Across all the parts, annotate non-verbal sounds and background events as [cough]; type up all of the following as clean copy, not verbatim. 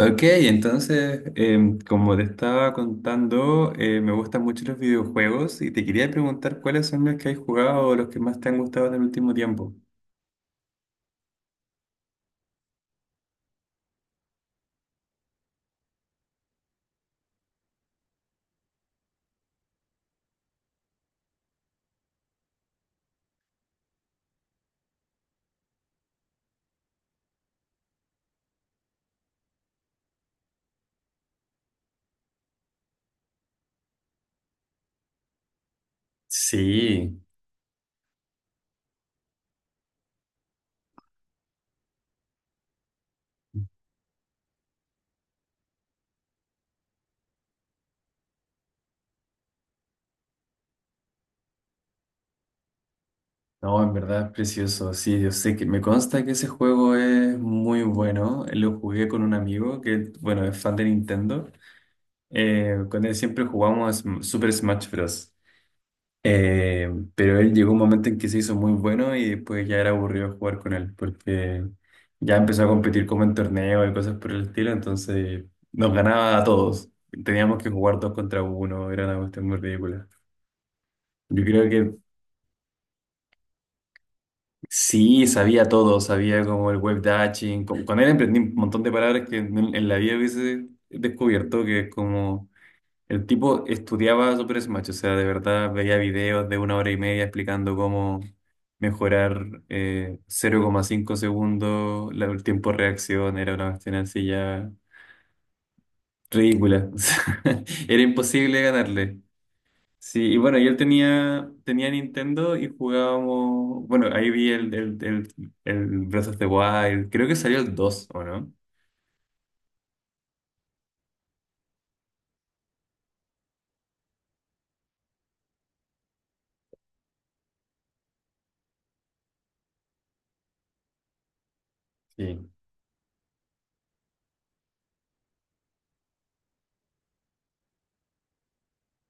Ok, entonces, como te estaba contando, me gustan mucho los videojuegos y te quería preguntar cuáles son los que has jugado o los que más te han gustado en el último tiempo. Sí, no, en verdad es precioso. Sí, yo sé que me consta que ese juego es muy bueno. Lo jugué con un amigo que, bueno, es fan de Nintendo. Con él siempre jugamos Super Smash Bros. Pero él llegó un momento en que se hizo muy bueno y después ya era aburrido jugar con él porque ya empezó a competir como en torneos y cosas por el estilo, entonces nos ganaba a todos. Teníamos que jugar dos contra uno, era una cuestión muy ridícula. Yo creo que sí, sabía todo, sabía como el web dashing, con él emprendí un montón de palabras que en la vida hubiese descubierto, que es como. El tipo estudiaba Super Smash, o sea, de verdad veía videos de una hora y media explicando cómo mejorar cero coma cinco segundos el tiempo de reacción, era una cuestión así ya ridícula. [laughs] O sea, era imposible ganarle. Sí, y bueno, yo tenía Nintendo y jugábamos, bueno, ahí vi el Breath of the Wild, creo que salió el dos, ¿o no? Sí.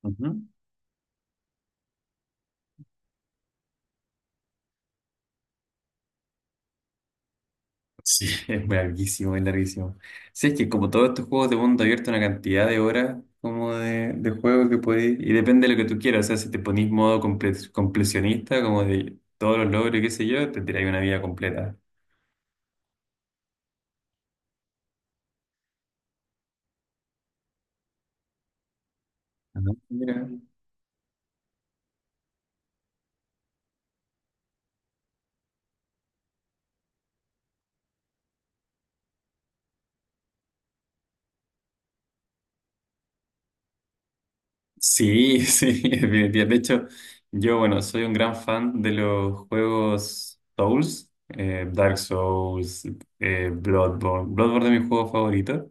Ujú. Sí, [laughs] es larguísimo, es larguísimo. Sí, es que como todos estos juegos de mundo abierto, una cantidad de horas como de juego que podéis. Y depende de lo que tú quieras. O sea, si te ponís modo completionista, como de todos los logros y qué sé yo, te tiráis una vida completa. Ah, mira. Sí, [laughs] sí, definitivamente. De hecho, yo, bueno, soy un gran fan de los juegos Souls, Dark Souls, Bloodborne. Bloodborne es mi juego favorito.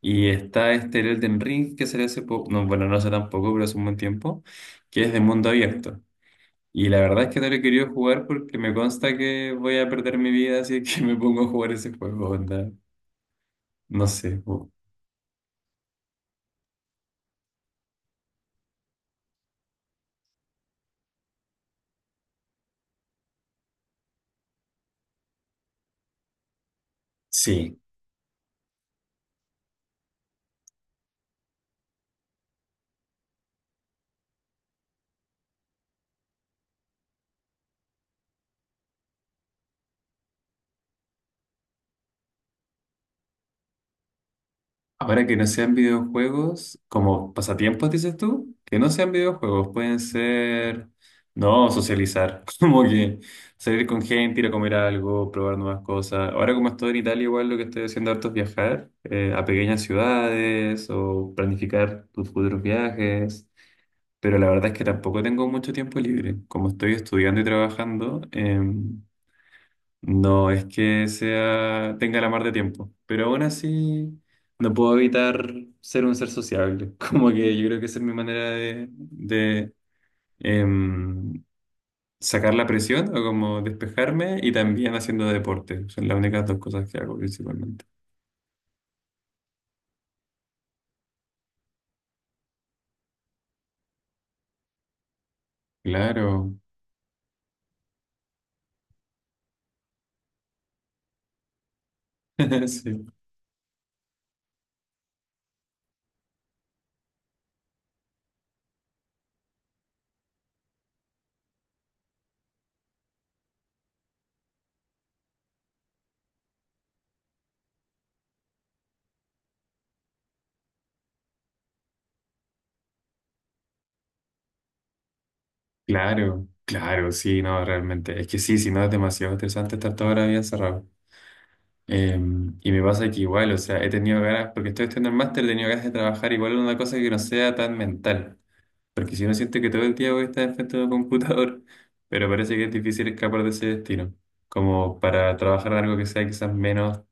Y está este el Elden Ring que salió hace poco, no, bueno, no hace tampoco, pero hace un buen tiempo, que es de mundo abierto. Y la verdad es que no lo he querido jugar porque me consta que voy a perder mi vida, así que [laughs] me pongo a jugar ese juego, onda. No sé. Sí, ahora que no sean videojuegos, como pasatiempos, dices tú, que no sean videojuegos, pueden ser, no, socializar, [laughs] como que salir con gente, ir a comer algo, probar nuevas cosas. Ahora como estoy en Italia, igual lo que estoy haciendo harto es viajar, a pequeñas ciudades o planificar tus futuros viajes, pero la verdad es que tampoco tengo mucho tiempo libre. Como estoy estudiando y trabajando, no es que sea, tenga la mar de tiempo, pero aún así no puedo evitar ser un ser sociable. [laughs] Como que yo creo que esa es mi manera de, em, sacar la presión o como despejarme y también haciendo deporte. Son las únicas dos cosas que hago principalmente. Claro, [laughs] sí, claro, claro, sí, no, realmente. Es que sí, si no es demasiado estresante estar toda la vida encerrado. Eh, y me pasa que igual, o sea, he tenido ganas, porque estoy estudiando el máster, he tenido ganas de trabajar igual en una cosa que no sea tan mental. Porque si no siento que todo el día voy a estar frente a un computador, [laughs] pero parece que es difícil escapar de ese destino. Como para trabajar en algo que sea quizás menos,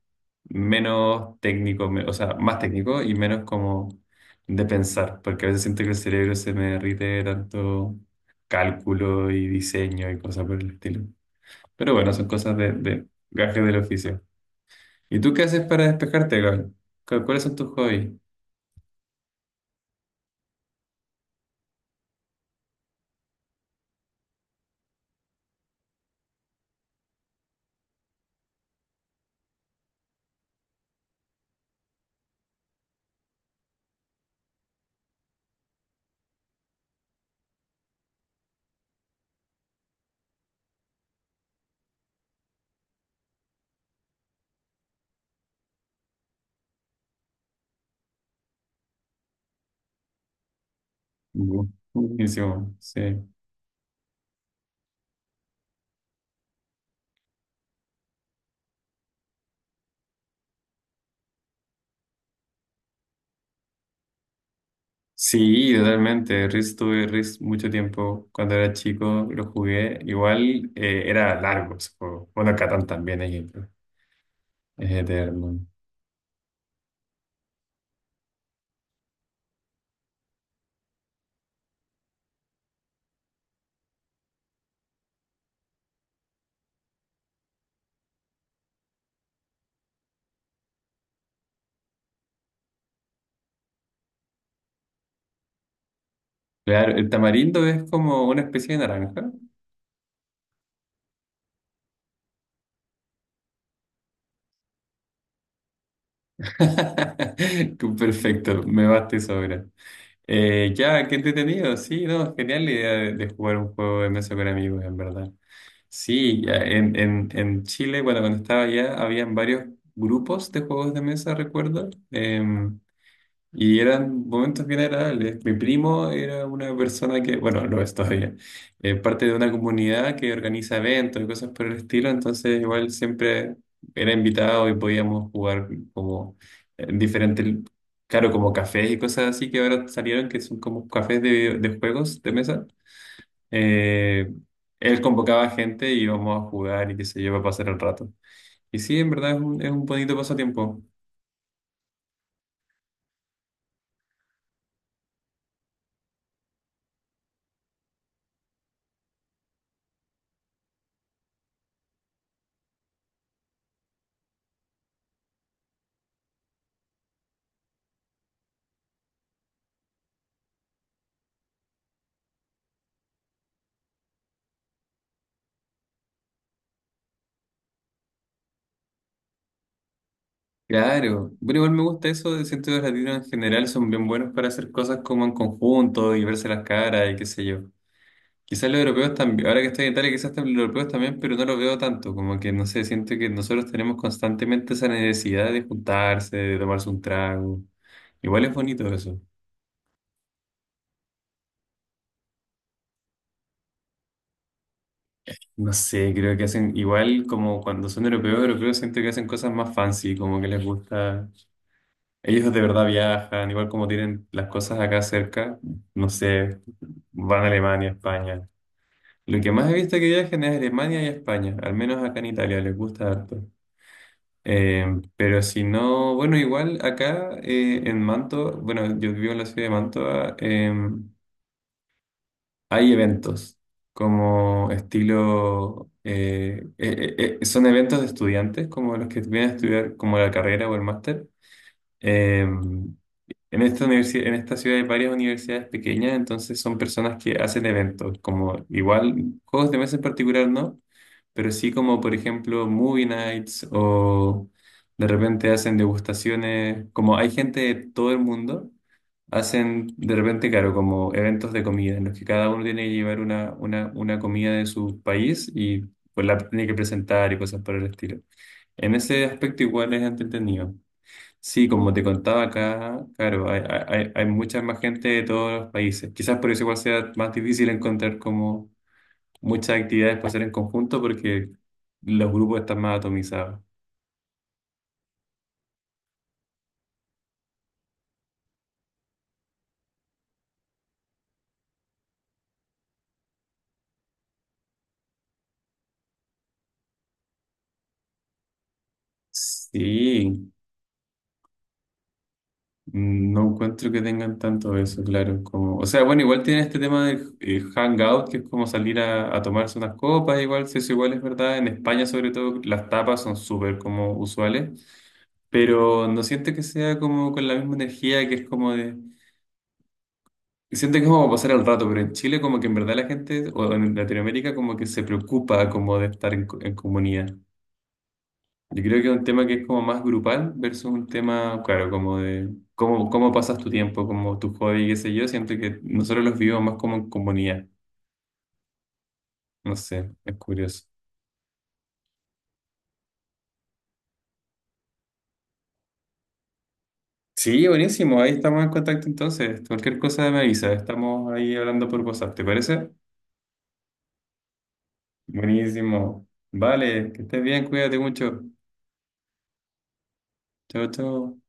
menos técnico, o sea, más técnico y menos como de pensar. Porque a veces siento que el cerebro se me derrite de tanto cálculo y diseño y cosas por el estilo. Pero bueno, son cosas de gajes del oficio. ¿Y tú qué haces para despejarte, Gabriel? ¿Cuáles son tus hobbies? Bu- Buenísimo, sí. Sí, totalmente. Risk, tuve Risk mucho tiempo. Cuando era chico lo jugué. Igual, era largo ese juego. Bueno, Catán también es eterno, es eterno. Claro, el tamarindo es como una especie de naranja. [laughs] Perfecto, me basta y sobra. Ya, qué entretenido. Sí, no, genial la idea de jugar un juego de mesa con amigos, en verdad. Sí, ya en Chile, bueno, cuando estaba allá, habían varios grupos de juegos de mesa, recuerdo, y eran momentos bien agradables. Mi primo era una persona que, bueno, lo es todavía, parte de una comunidad que organiza eventos y cosas por el estilo, entonces igual siempre era invitado y podíamos jugar como en diferentes, claro, como cafés y cosas así que ahora salieron, que son como cafés de juegos de mesa. Eh, Él convocaba gente y íbamos a jugar y qué sé yo, para pasar el rato. Y sí, en verdad es un bonito pasatiempo. Claro, pero igual me gusta eso, de siento que los latinos en general son bien buenos para hacer cosas como en conjunto y verse las caras y qué sé yo. Quizás los europeos también, ahora que estoy en Italia, quizás los europeos también, pero no lo veo tanto, como que no sé, siento que nosotros tenemos constantemente esa necesidad de juntarse, de tomarse un trago. Igual es bonito eso. No sé, creo que hacen igual como cuando son europeos, europeos siento que hacen cosas más fancy, como que les gusta. Ellos de verdad viajan, igual como tienen las cosas acá cerca, no sé, van a Alemania, España. Lo que más he visto que viajan es Alemania y España, al menos acá en Italia, les gusta harto. Eh, pero si no, bueno, igual acá, en Manto, bueno, yo vivo en la ciudad de Manto, ah, hay eventos como estilo, son eventos de estudiantes como los que vienen a estudiar como la carrera o el máster. Eh, en esta universidad, en esta ciudad hay varias universidades pequeñas, entonces son personas que hacen eventos, como igual juegos de mesa en particular no, pero sí como por ejemplo movie nights o de repente hacen degustaciones, como hay gente de todo el mundo. Hacen de repente, claro, como eventos de comida, en los que cada uno tiene que llevar una comida de su país y pues la tiene que presentar y cosas por el estilo. En ese aspecto igual es entretenido. Sí, como te contaba acá, claro, hay mucha más gente de todos los países. Quizás por eso igual sea más difícil encontrar como muchas actividades para hacer en conjunto porque los grupos están más atomizados. Sí, mm, no encuentro que tengan tanto eso, claro. Como, o sea, bueno, igual tiene este tema del hangout, que es como salir a tomarse unas copas, igual, si eso igual es verdad. En España, sobre todo, las tapas son súper como usuales, pero no siento que sea como con la misma energía que es como de... Siento que es como pasar el rato, pero en Chile como que en verdad la gente, o en Latinoamérica, como que se preocupa como de estar en, en comunidad. Yo creo que es un tema que es como más grupal versus un tema, claro, como de cómo, cómo pasas tu tiempo, como tu hobby, qué sé yo. Siento que nosotros los vivimos más como en comunidad. No sé, es curioso. Sí, buenísimo. Ahí estamos en contacto entonces. Cualquier cosa me avisa. Estamos ahí hablando por WhatsApp. ¿Te parece? Buenísimo. Vale, que estés bien. Cuídate mucho. Chao, chao.